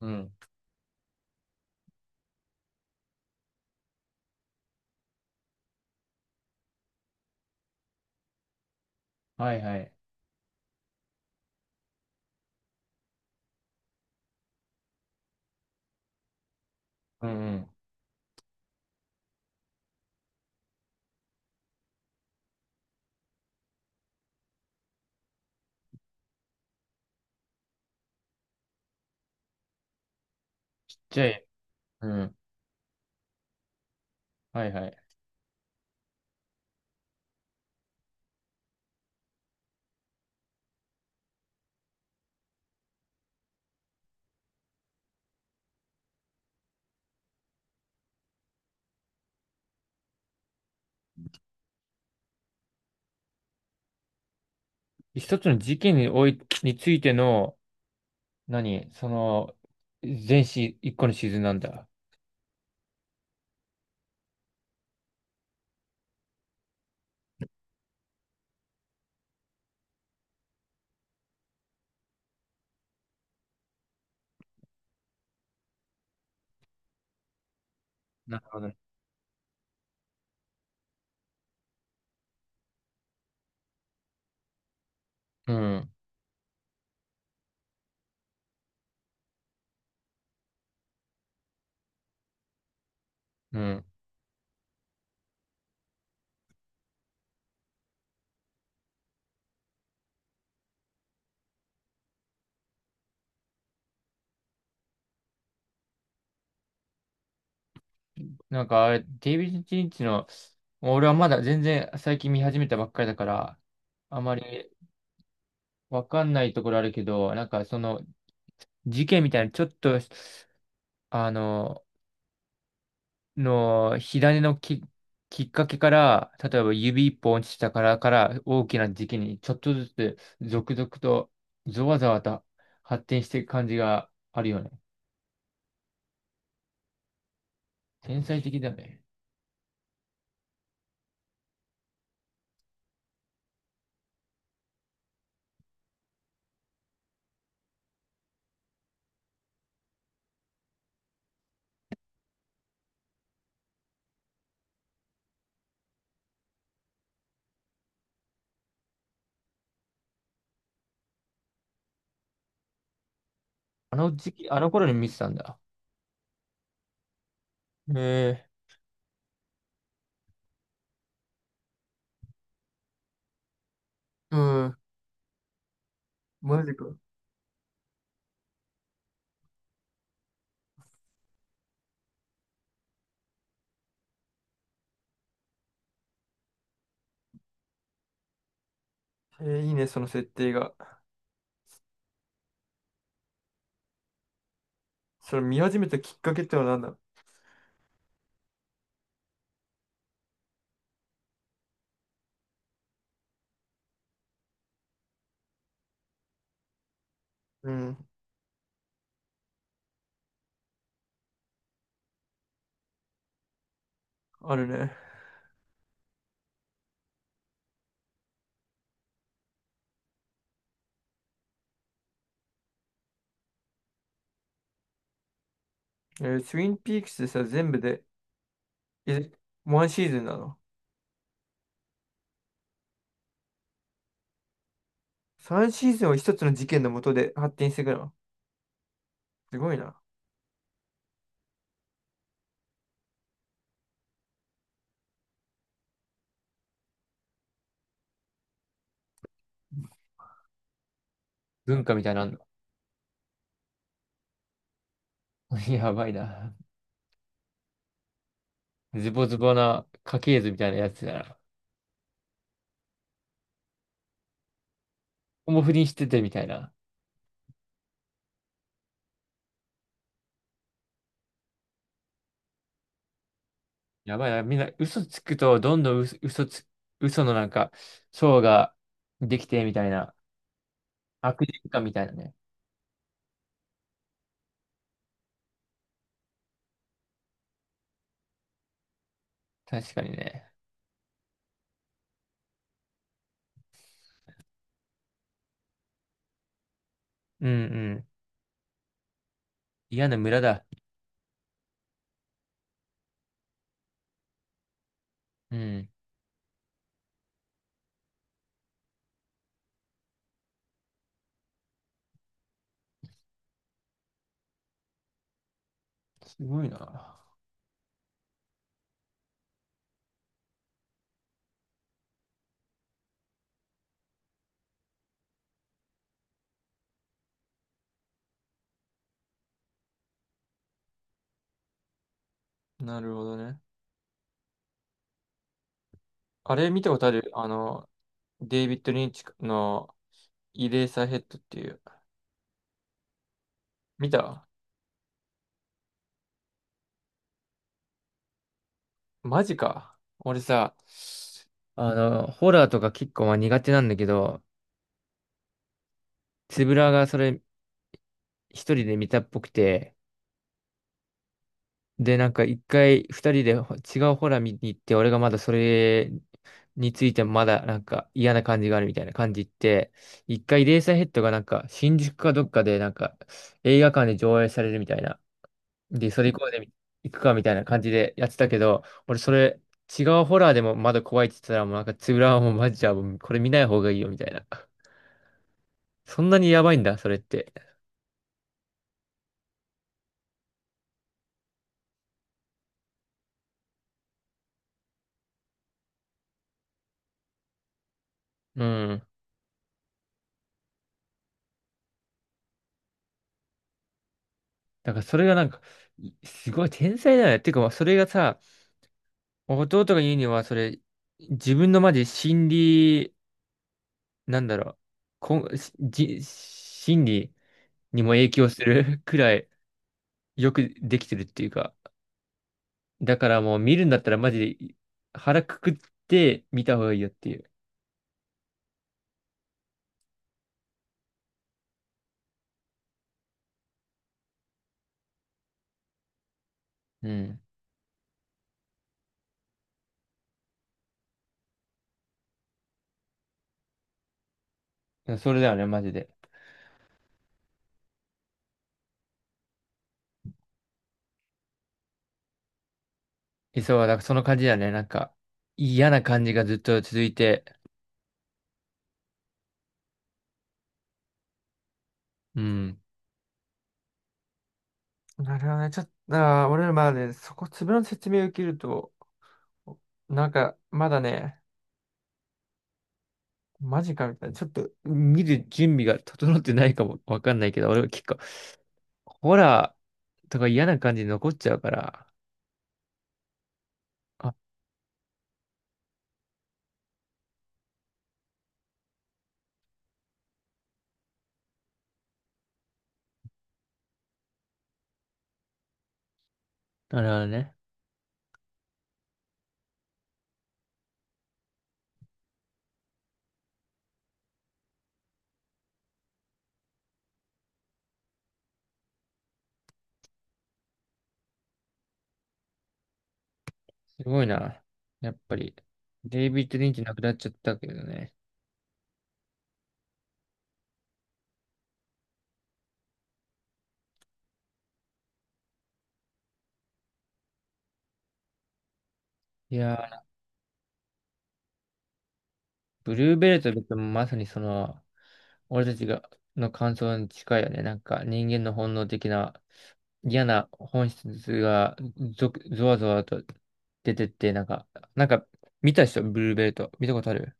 うん。はいはい。うんうん。じゃあ、うん。はいはい。一つの事件におい、についての、何その、一個のシーズンなんだ。なるほど。うん。うん。なんかあれ、デイビッド・リンチの、俺はまだ全然最近見始めたばっかりだから、あまりわかんないところあるけど、なんかその、事件みたいな、ちょっと、あの、の火種のき、きっかけから、例えば指一本落ちたからから大きな時期にちょっとずつ続々とゾワゾワと発展していく感じがあるよね。天才的だね。あの時期、あの頃に見てたんだ。へえ、マジか。えー、いいね、その設定が。それ見始めたきっかけってのは何だ。うん、あるね。えー、ツインピークスでさ、全部で、え、ワンシーズンなの ?3 シーズンを一つの事件のもとで発展していくの。すごいな。文化みたいなのあんの。 やばいな。ズボズボな家系図みたいなやつだな。もう不倫しててみたいな。やばいな。みんな嘘つくと、どんどん嘘のなんか、層ができてみたいな。悪循環みたいなね。確かにね。うんうん。嫌な村だ。うん。すごいな。なるほどね。あれ見たことある、あの、デイビッド・リンチのイレーサーヘッドっていう。見た、マジか。俺さ、あの、ホラーとか結構まあ苦手なんだけど、つぶらがそれ一人で見たっぽくて、で、なんか一回二人で違うホラー見に行って、俺がまだそれについてまだなんか嫌な感じがあるみたいな感じ言って、一回レーサーヘッドがなんか新宿かどっかでなんか映画館で上映されるみたいな。で、それ行こうで行くかみたいな感じでやってたけど、俺それ違うホラーでもまだ怖いって言ってたらもうなんかつぶらはもうマジじゃあもうこれ見ない方がいいよみたいな。そんなにやばいんだ、それって。うん。だからそれがなんか、いすごい天才だよね。っていうか、まあそれがさ、弟が言うには、それ、自分のマジ心理、なんだろう、こん、じ、心理にも影響する くらいよくできてるっていうか、だからもう見るんだったらマジで腹くくって見た方がいいよっていう。うん。それだよね、マジで。えそう、だからその感じだよね。なんか、嫌な感じがずっと続いて、うん。なるほどね。ちょっと、あー、俺らまあね、そこ、粒の説明を受けると、なんか、まだね、マジかみたいな。ちょっと見る準備が整ってないかもわかんないけど、俺は結構、ホラーとか嫌な感じで残っちゃうから。あ、なるほどね。すごいな。やっぱり、デイビッド・リンチ亡くなっちゃったけどね。いやー、ブルーベルトっ別にまさにその、俺たちが、の感想に近いよね。なんか人間の本能的な嫌な本質がゾワゾワと出てって、なんか、なんか見たでしょ、ブルーベルト。見たことある、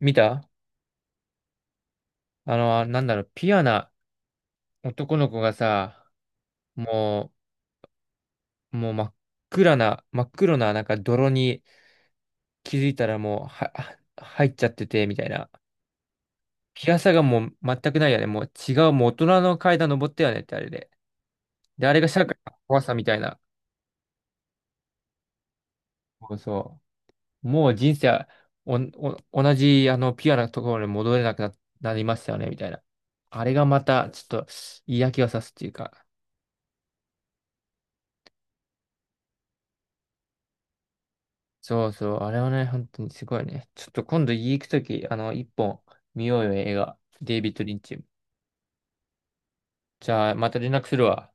見た、あの、なんだろう、ピュアな男の子がさ、ももう真っ暗な、真っ黒ななんか泥に気づいたらもう入っちゃってて、みたいな。ピアサがもう全くないよね。もう違う、もう大人の階段登ったよねってあれで。で、あれが社会の怖さみたいな。そうそう。もう人生はお同じあのピュアなところに戻れなくな、なりましたよね、みたいな。あれがまたちょっと嫌気がさすっていうか。そうそう。あれはね、本当にすごいね。ちょっと今度家行くとき、あの、一本見ようよ、映画。デイビッド・リンチ。じゃあ、また連絡するわ。